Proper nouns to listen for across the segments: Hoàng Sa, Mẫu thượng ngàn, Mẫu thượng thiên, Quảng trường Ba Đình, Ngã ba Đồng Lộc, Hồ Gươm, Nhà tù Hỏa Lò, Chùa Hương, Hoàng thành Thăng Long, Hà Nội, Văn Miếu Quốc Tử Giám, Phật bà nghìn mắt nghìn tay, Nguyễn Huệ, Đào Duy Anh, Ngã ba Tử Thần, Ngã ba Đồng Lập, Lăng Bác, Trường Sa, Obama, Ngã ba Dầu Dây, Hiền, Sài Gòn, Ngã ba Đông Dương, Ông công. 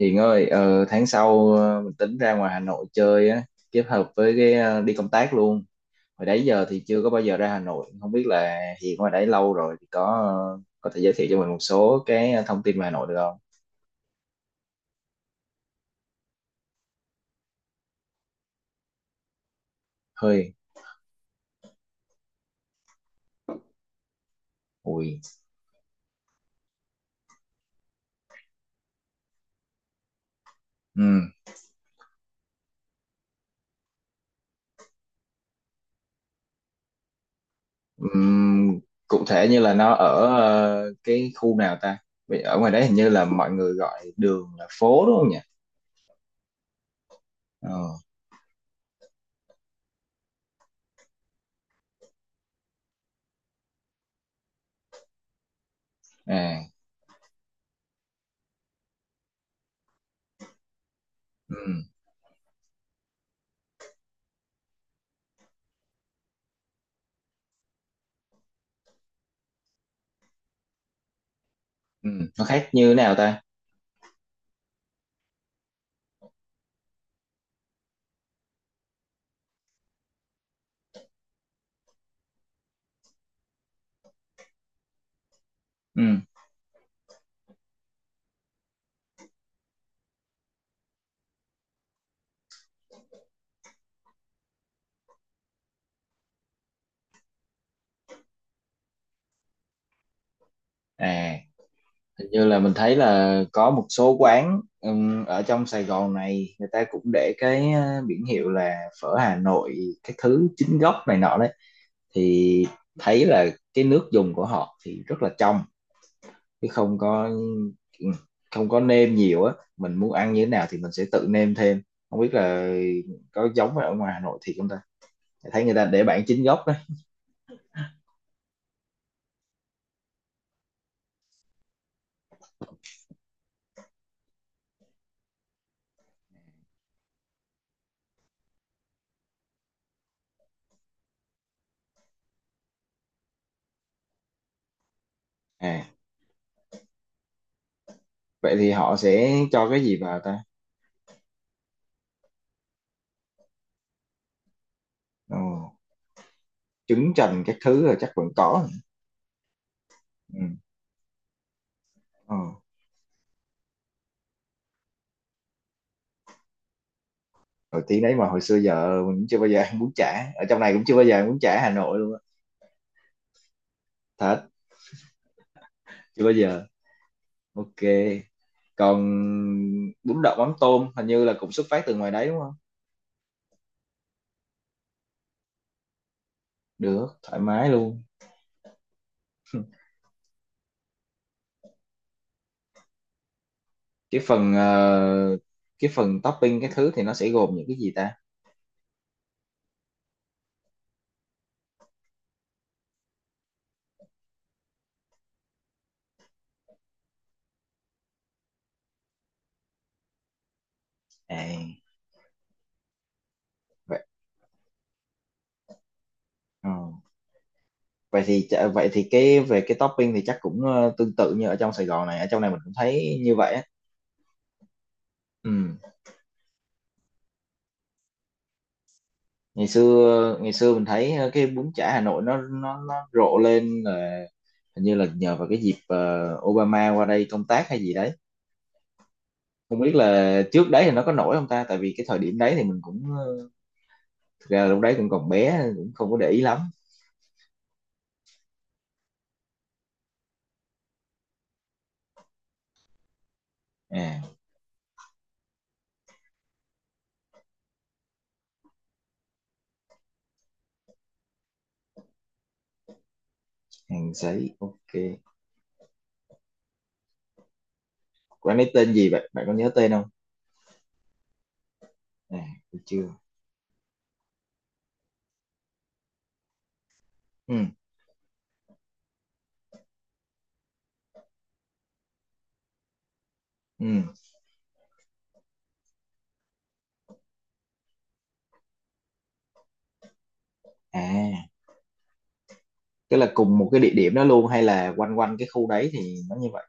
Hiền ơi, tháng sau mình tính ra ngoài Hà Nội chơi á, kết hợp với đi công tác luôn. Hồi đấy giờ thì chưa có bao giờ ra Hà Nội, không biết là Hiền ngoài đấy lâu rồi thì có có thể giới thiệu cho mình một số thông tin về Hà Nội được không? Hơi, ui, ừm, ừm, cụ thể như là nó ở cái khu nào ta? Vì ở ngoài đấy hình như là mọi người gọi đường là phố đúng không nhỉ? Ờ, à, ừm, nó khác như thế nào ta? Ừm, à. Hình như là mình thấy là có một số quán ở trong Sài Gòn này người ta cũng để cái biển hiệu là phở Hà Nội các thứ chính gốc này nọ đấy thì thấy là cái nước dùng của họ thì rất là trong, chứ không có không có nêm nhiều á, mình muốn ăn như thế nào thì mình sẽ tự nêm thêm. Không biết là có giống ở ngoài Hà Nội thì không ta, thấy người ta để bản chính gốc đấy. À vậy thì họ sẽ cho cái gì vào ta? Ồ, trứng chần các thứ là chắc vẫn có. Ừ. Ừ. Rồi tí đấy mà hồi xưa giờ mình cũng chưa bao giờ ăn bún chả ở trong này, cũng chưa bao giờ ăn bún chả Hà Nội luôn á. Thật. Chưa bao giờ. Ok, còn bún đậu mắm tôm hình như là cũng xuất phát từ ngoài đấy đúng không? Được thoải mái luôn. cái phần ờ, cái phần topping cái thứ thì nó sẽ gồm những cái gì ta? À vậy. Ờ. Vậy thì cái về cái topping thì chắc cũng tương tự như ở trong Sài Gòn này, ở trong này mình cũng thấy như vậy á. Ừ. Ngày xưa ngày xưa mình thấy cái bún chả Hà Nội nó rộ lên là hình như là nhờ vào cái dịp Obama qua đây công tác hay gì đấy. Không biết là trước đấy thì nó có nổi không ta, tại vì cái thời điểm đấy thì mình cũng ờ, thực ra lúc đấy cũng còn bé nên cũng không có để ý lắm. À, hàng sấy, ok. Quán ấy tên gì vậy, bạn có nhớ tên không? À, tôi chưa. Ừ. Ừ. À, tức là cùng một cái địa điểm đó luôn hay là quanh quanh cái khu đấy thì nó như vậy?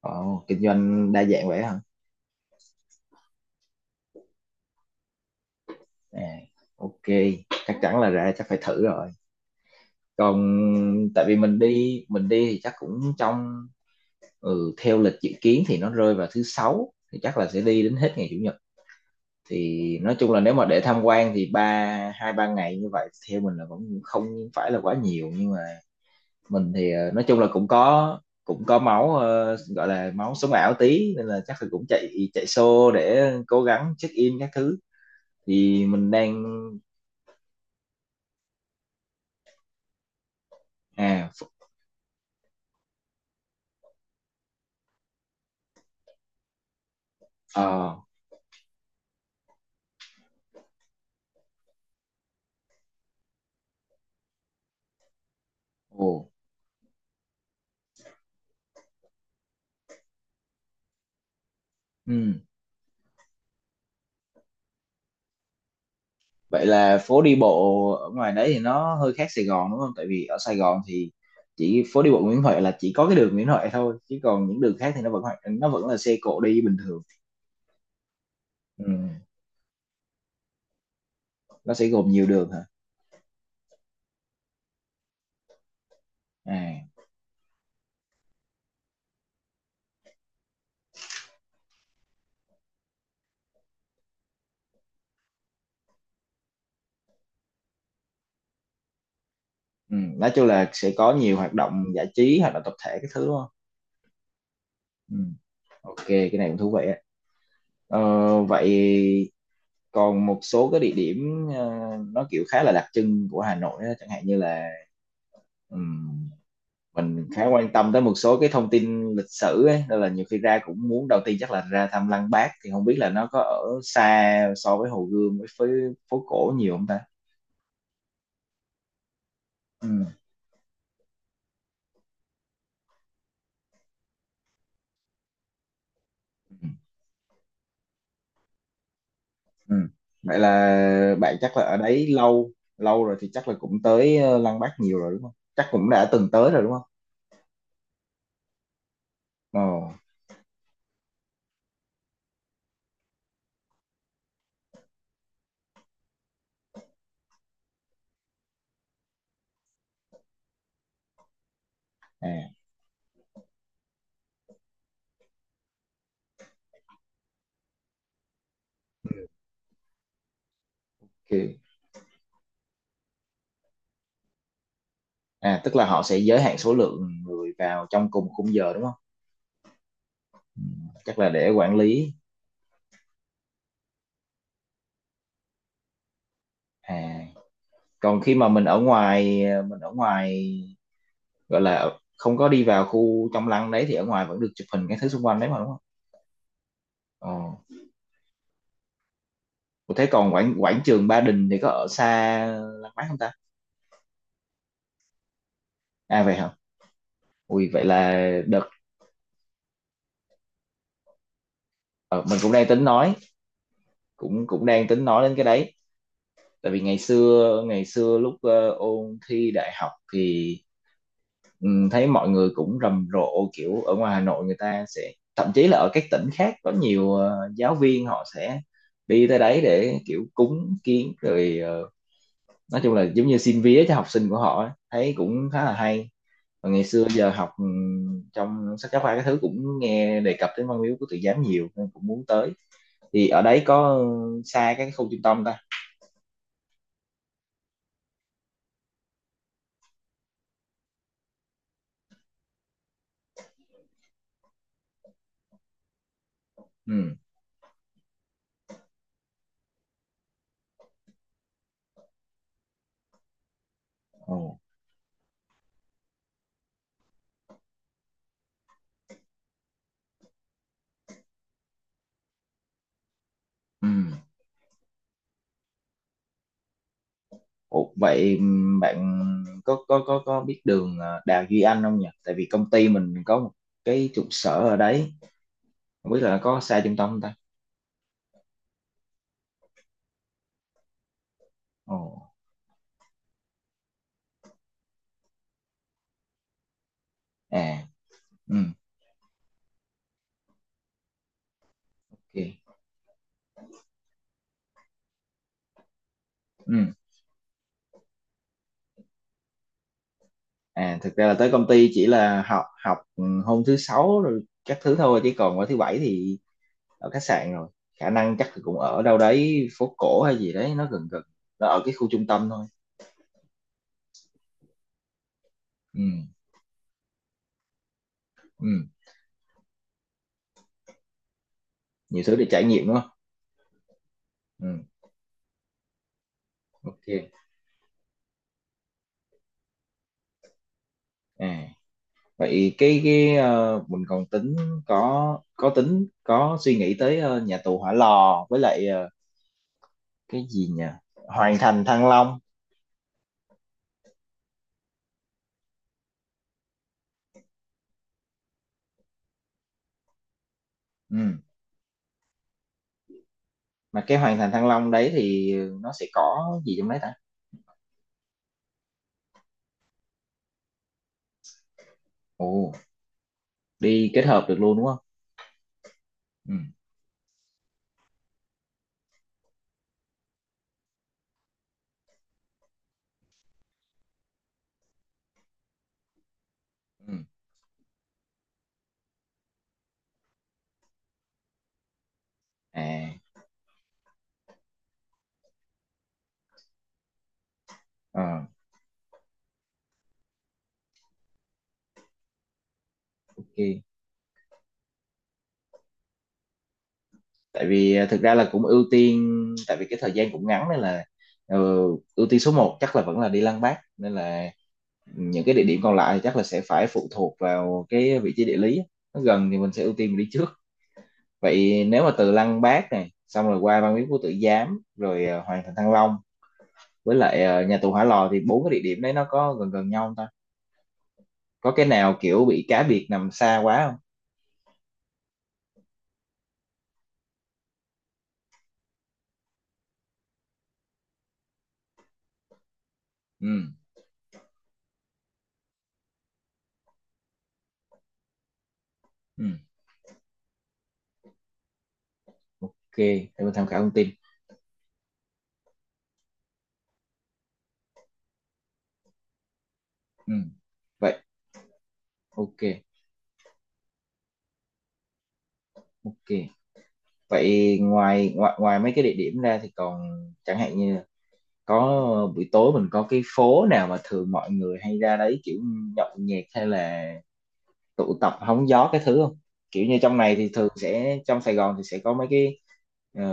Ồ, kinh doanh đa dạng vậy hả? À, ok, chắc chắn là ra chắc phải thử rồi. Còn tại vì mình đi, mình đi thì chắc cũng trong ừ, theo lịch dự kiến thì nó rơi vào thứ sáu thì chắc là sẽ đi đến hết ngày chủ nhật. Thì nói chung là nếu mà để tham quan thì hai ba ngày như vậy theo mình là vẫn không phải là quá nhiều, nhưng mà mình thì nói chung là cũng có, cũng có máu gọi là máu sống ảo tí nên là chắc là cũng chạy chạy xô để cố gắng check in các thứ thì mình đang à ph- ờ. Ồ. Ừ. Vậy là phố đi bộ ở ngoài đấy thì nó hơi khác Sài Gòn đúng không? Tại vì ở Sài Gòn thì chỉ phố đi bộ Nguyễn Huệ là chỉ có cái đường Nguyễn Huệ thôi, chứ còn những đường khác thì nó vẫn nó vẫn là xe cộ đi bình thường. Ừ. Nó sẽ gồm nhiều đường hả? À. Ừ. Nói chung là sẽ có nhiều hoạt động giải trí, hoạt động tập thể cái thứ đúng không? Ừ. Ok, cái này cũng thú vị á. Ờ, vậy còn một số cái địa điểm nó kiểu khá là đặc trưng của Hà Nội á, chẳng hạn như là ừ, mình khá quan tâm tới một số cái thông tin lịch sử ấy nên là nhiều khi ra cũng muốn, đầu tiên chắc là ra thăm Lăng Bác, thì không biết là nó có ở xa so với Hồ Gươm với phố cổ nhiều không ta. Ừ. Ừ. Ừ. Vậy là bạn chắc là ở đấy lâu, lâu rồi thì chắc là cũng tới Lăng Bác nhiều rồi đúng không, chắc cũng đã từng tới rồi đúng không? Ồ. À. Ok. À tức là họ sẽ giới hạn số lượng người vào trong cùng khung giờ đúng không? Chắc là để quản lý. À còn khi mà mình ở ngoài ờ, mình ở ngoài gọi là không có đi vào khu trong lăng đấy thì ở ngoài vẫn được chụp hình cái thứ xung quanh đấy mà đúng không? Ờ. Ủa thế còn quảng quảng trường Ba Đình thì có ở xa Lăng Bác không ta? À vậy hả? Ui vậy là đợt ờ, mình cũng đang tính nói, cũng cũng đang tính nói đến cái đấy. Tại vì ngày xưa lúc ôn thi đại học thì ừ, thấy mọi người cũng rầm rộ kiểu ở ngoài Hà Nội người ta sẽ, thậm chí là ở các tỉnh khác có nhiều giáo viên họ sẽ đi tới đấy để kiểu cúng kiến rồi nói chung là giống như xin vía cho học sinh của họ ấy, thấy cũng khá là hay. Và ngày xưa giờ học trong sách giáo khoa cái thứ cũng nghe đề cập đến văn miếu của tự giám nhiều nên cũng muốn tới, thì ở đấy có ừ, xa cái khu trung tâm ta. Ừ. Ồ. Ừ. Ồ vậy bạn có có biết đường Đào Duy Anh không nhỉ, tại vì công ty mình có một cái trụ sở ở đấy, không biết là có xa trung tâm không ta. Ồ. À. Ừ. Ok. Ừ. À thực ra là tới công ty chỉ là học học ừ, hôm thứ sáu rồi các thứ thôi, chứ còn qua thứ bảy thì ở khách sạn rồi, khả năng chắc là cũng ở đâu đấy phố cổ hay gì đấy nó gần gần, nó ở cái khu trung tâm thôi. Ừ, ừ. Nhiều thứ để trải nghiệm đúng không? Ừ, ok. À vậy mình còn tính, có tính, có suy nghĩ tới nhà tù Hỏa Lò với lại ờ, cái gì nhỉ, Hoàng thành Thăng Long. Ừ. Mà cái Hoàng thành Thăng Long đấy thì nó sẽ có gì trong đấy ta? Ồ, đi kết hợp được luôn đúng không? Ừ. Ừ. À. Ờ, ok. Tại vì à, thực ra là cũng ưu tiên, tại vì cái thời gian cũng ngắn nên là ờ, ưu tiên số một chắc là vẫn là đi Lăng Bác, nên là những cái địa điểm còn lại thì chắc là sẽ phải phụ thuộc vào cái vị trí địa lý, nó gần thì mình sẽ ưu tiên mình đi trước. Vậy nếu mà từ Lăng Bác này xong rồi qua Văn Miếu Quốc Tử Giám rồi Hoàng thành Thăng Long với lại nhà tù Hỏa Lò thì bốn cái địa điểm đấy nó có gần gần nhau không ta? Có cái nào kiểu bị cá biệt nằm xa quá không? Ừ. Ừ. Để mình tham khảo thông tin. Ừ. Vậy, ok. Ok, vậy ngoài ngoài ngoài mấy cái địa điểm ra thì còn, chẳng hạn như là có buổi tối mình có cái phố nào mà thường mọi người hay ra đấy kiểu nhậu nhẹt hay là tụ tập hóng gió cái thứ không, kiểu như trong này thì thường sẽ, trong Sài Gòn thì sẽ có mấy cái ờ,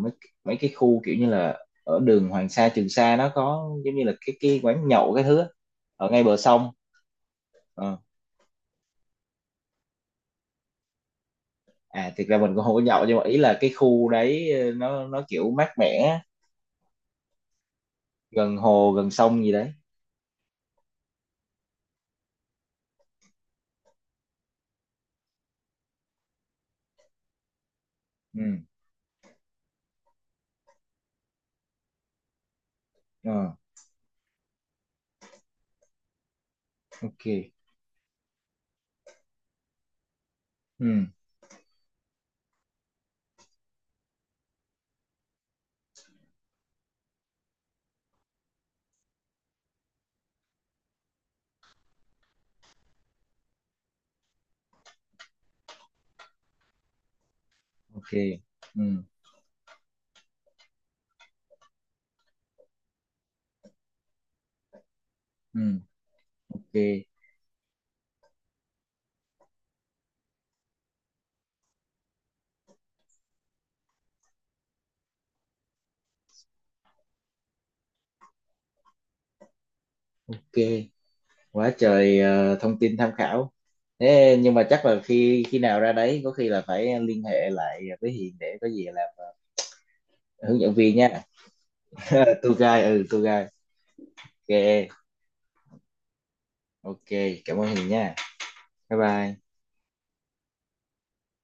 mấy mấy cái khu kiểu như là ở đường Hoàng Sa Trường Sa nó có giống như là cái quán nhậu cái thứ á, ở ngay bờ sông. Ờ. À thực ra mình cũng không có nhậu, nhưng mà ý là cái khu đấy nó kiểu mát mẻ, gần hồ gần sông gì đấy. Ừ. Ờ, ok. Ừ. Ok. Ừ. Ừ. Ok. Ok, quá trời thông tin tham khảo. Thế nhưng mà chắc là khi khi nào ra đấy có khi là phải liên hệ lại với Hiền để có gì làm hướng dẫn viên nha. Ờ, tour guide, ừ tour guide. Ok, ok, cảm ơn Hiền nha, bye bye.